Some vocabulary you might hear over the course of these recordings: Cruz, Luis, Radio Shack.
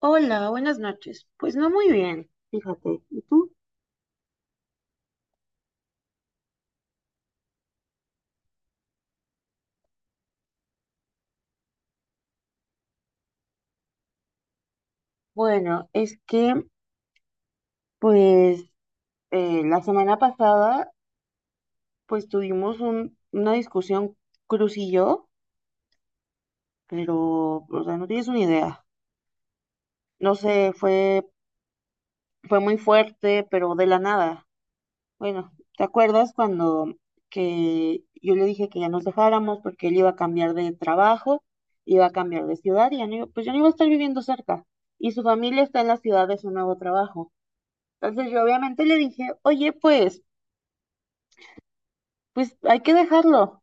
Hola, buenas noches. Pues no muy bien, fíjate. ¿Y tú? Bueno, es que pues la semana pasada pues tuvimos una discusión Cruz y yo, pero o sea, no tienes una idea. No sé, fue muy fuerte, pero de la nada. Bueno, ¿te acuerdas cuando que yo le dije que ya nos dejáramos porque él iba a cambiar de trabajo, iba a cambiar de ciudad y ya no pues ya no iba a estar viviendo cerca y su familia está en la ciudad de su nuevo trabajo? Entonces yo obviamente le dije, oye, pues, pues hay que dejarlo.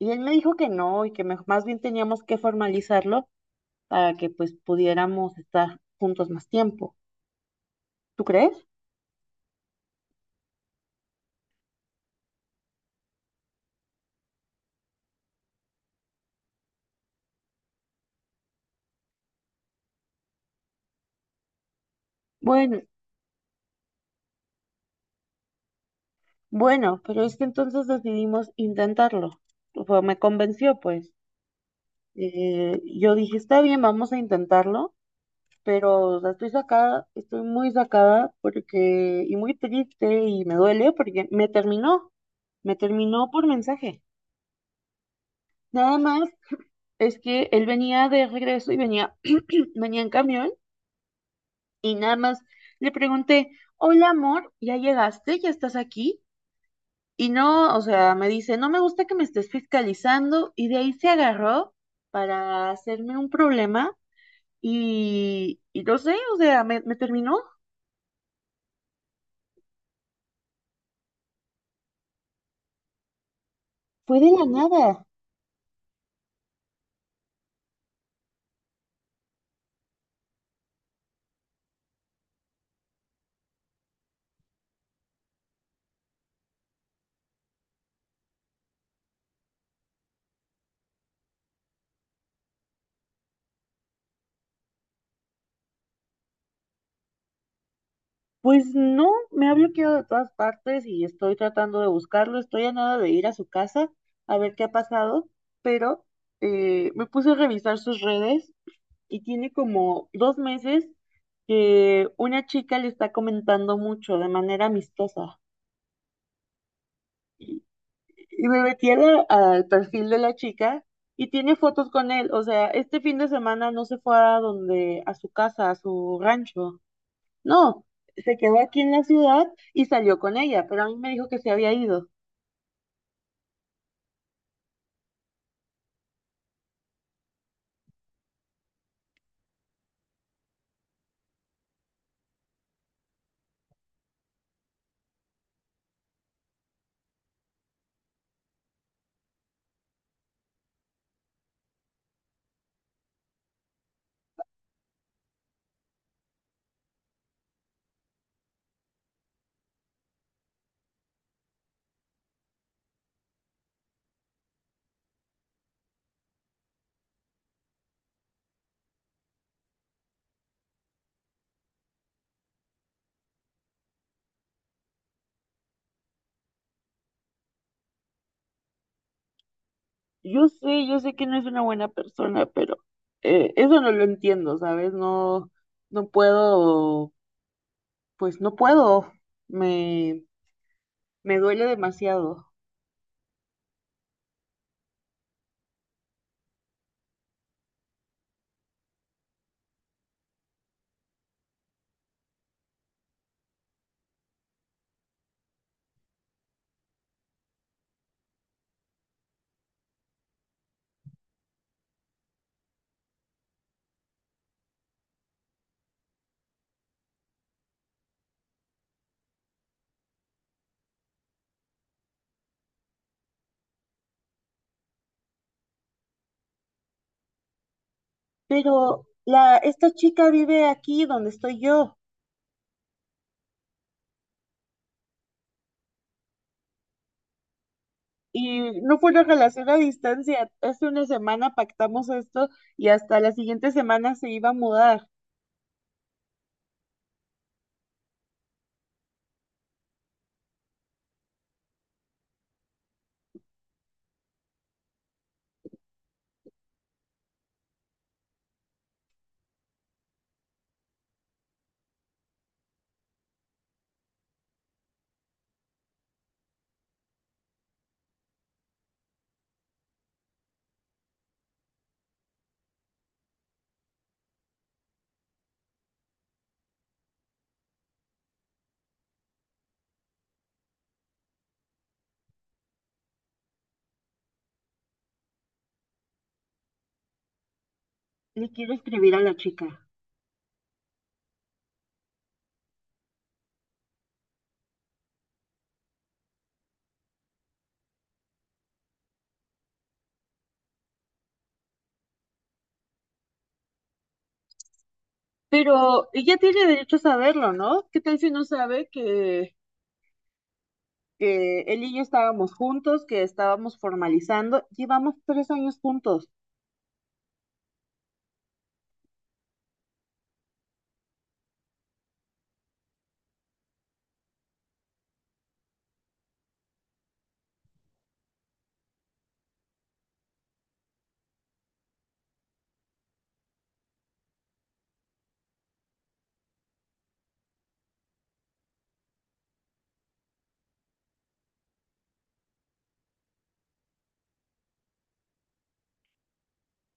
Y él me dijo que no y que más bien teníamos que formalizarlo para que pues pudiéramos estar juntos más tiempo. ¿Tú crees? Bueno, bueno, pero es que entonces decidimos intentarlo. O sea, me convenció, pues. Yo dije, está bien, vamos a intentarlo, pero o sea, estoy sacada, estoy muy sacada porque, y muy triste y me duele porque me terminó por mensaje. Nada más. Es que él venía de regreso y venía, venía en camión y nada más le pregunté, hola amor, ¿ya llegaste? ¿Ya estás aquí? Y no, o sea, me dice, no me gusta que me estés fiscalizando y de ahí se agarró para hacerme un problema y no sé, o sea, me terminó. Fue de la nada. Pues no, me ha bloqueado de todas partes y estoy tratando de buscarlo, estoy a nada de ir a su casa a ver qué ha pasado, pero me puse a revisar sus redes y tiene como 2 meses que una chica le está comentando mucho de manera amistosa. Y me metí a al perfil de la chica y tiene fotos con él. O sea, este fin de semana no se fue a donde, a su casa, a su rancho. No, se quedó aquí en la ciudad y salió con ella, pero a mí me dijo que se había ido. Yo sé que no es una buena persona, pero eso no lo entiendo, ¿sabes? No, no puedo, pues no puedo. Me, Me duele demasiado. Pero esta chica vive aquí donde estoy yo. Y no fue una relación a distancia. Hace una semana pactamos esto y hasta la siguiente semana se iba a mudar. Le quiero escribir a la chica. Pero ella tiene derecho a saberlo, ¿no? ¿Qué tal si no sabe que él y yo estábamos juntos, que estábamos formalizando? Llevamos 3 años juntos.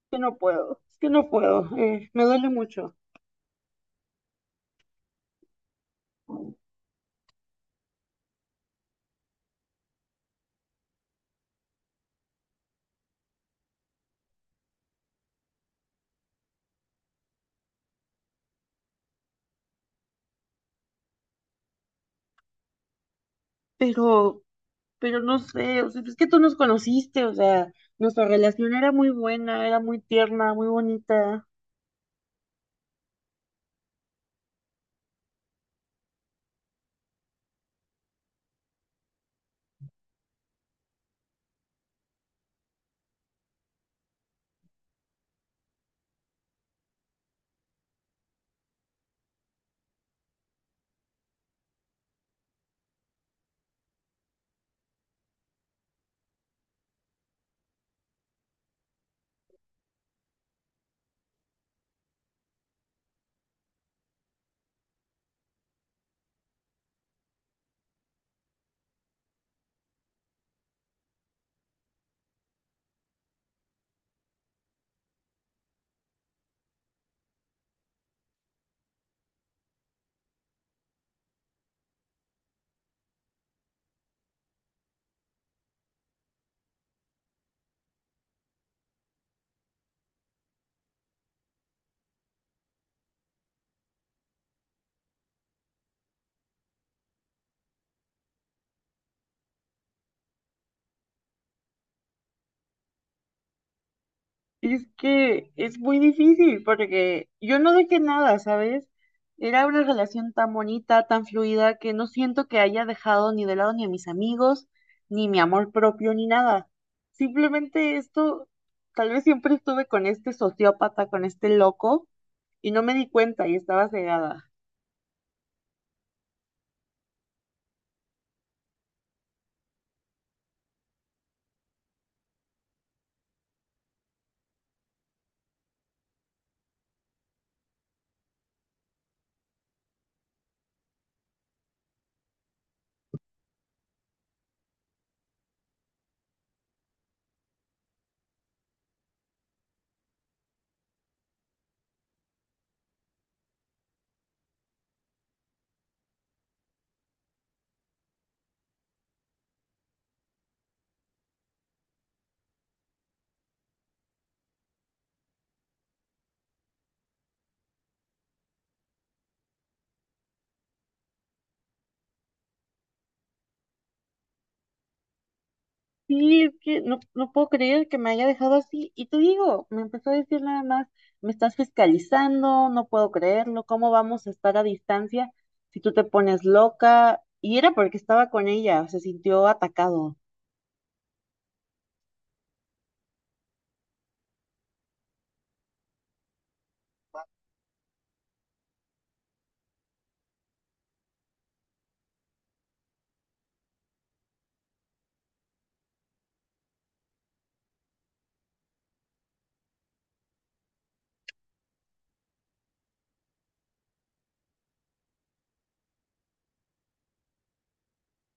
Que no puedo, es que no puedo. Me duele mucho. Pero pero no sé, o sea, es que tú nos conociste, o sea, nuestra relación era muy buena, era muy tierna, muy bonita. Y es que es muy difícil porque yo no dejé nada, ¿sabes? Era una relación tan bonita, tan fluida, que no siento que haya dejado ni de lado ni a mis amigos, ni mi amor propio, ni nada. Simplemente esto, tal vez siempre estuve con este sociópata, con este loco, y no me di cuenta y estaba cegada. Sí, es que no, no puedo creer que me haya dejado así. Y te digo, me empezó a decir nada más, me estás fiscalizando, no puedo creerlo, ¿cómo vamos a estar a distancia si tú te pones loca? Y era porque estaba con ella, se sintió atacado.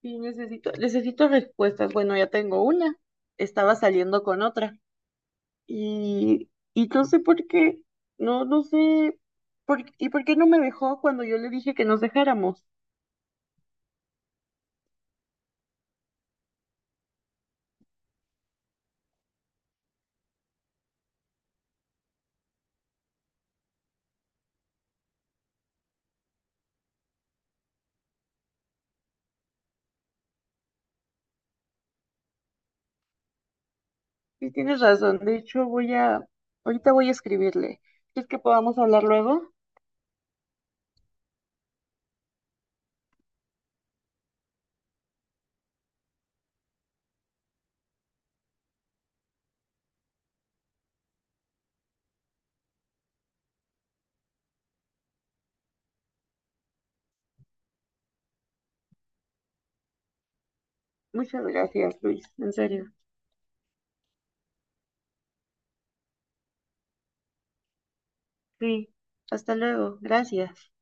Sí, necesito respuestas. Bueno, ya tengo una. Estaba saliendo con otra. Y, y no sé por qué, no, no sé, ¿y por qué no me dejó cuando yo le dije que nos dejáramos? Sí, tienes razón. De hecho, voy a, ahorita voy a escribirle. ¿Quieres que podamos hablar luego? Muchas gracias, Luis. En serio. Sí. Hasta luego. Gracias.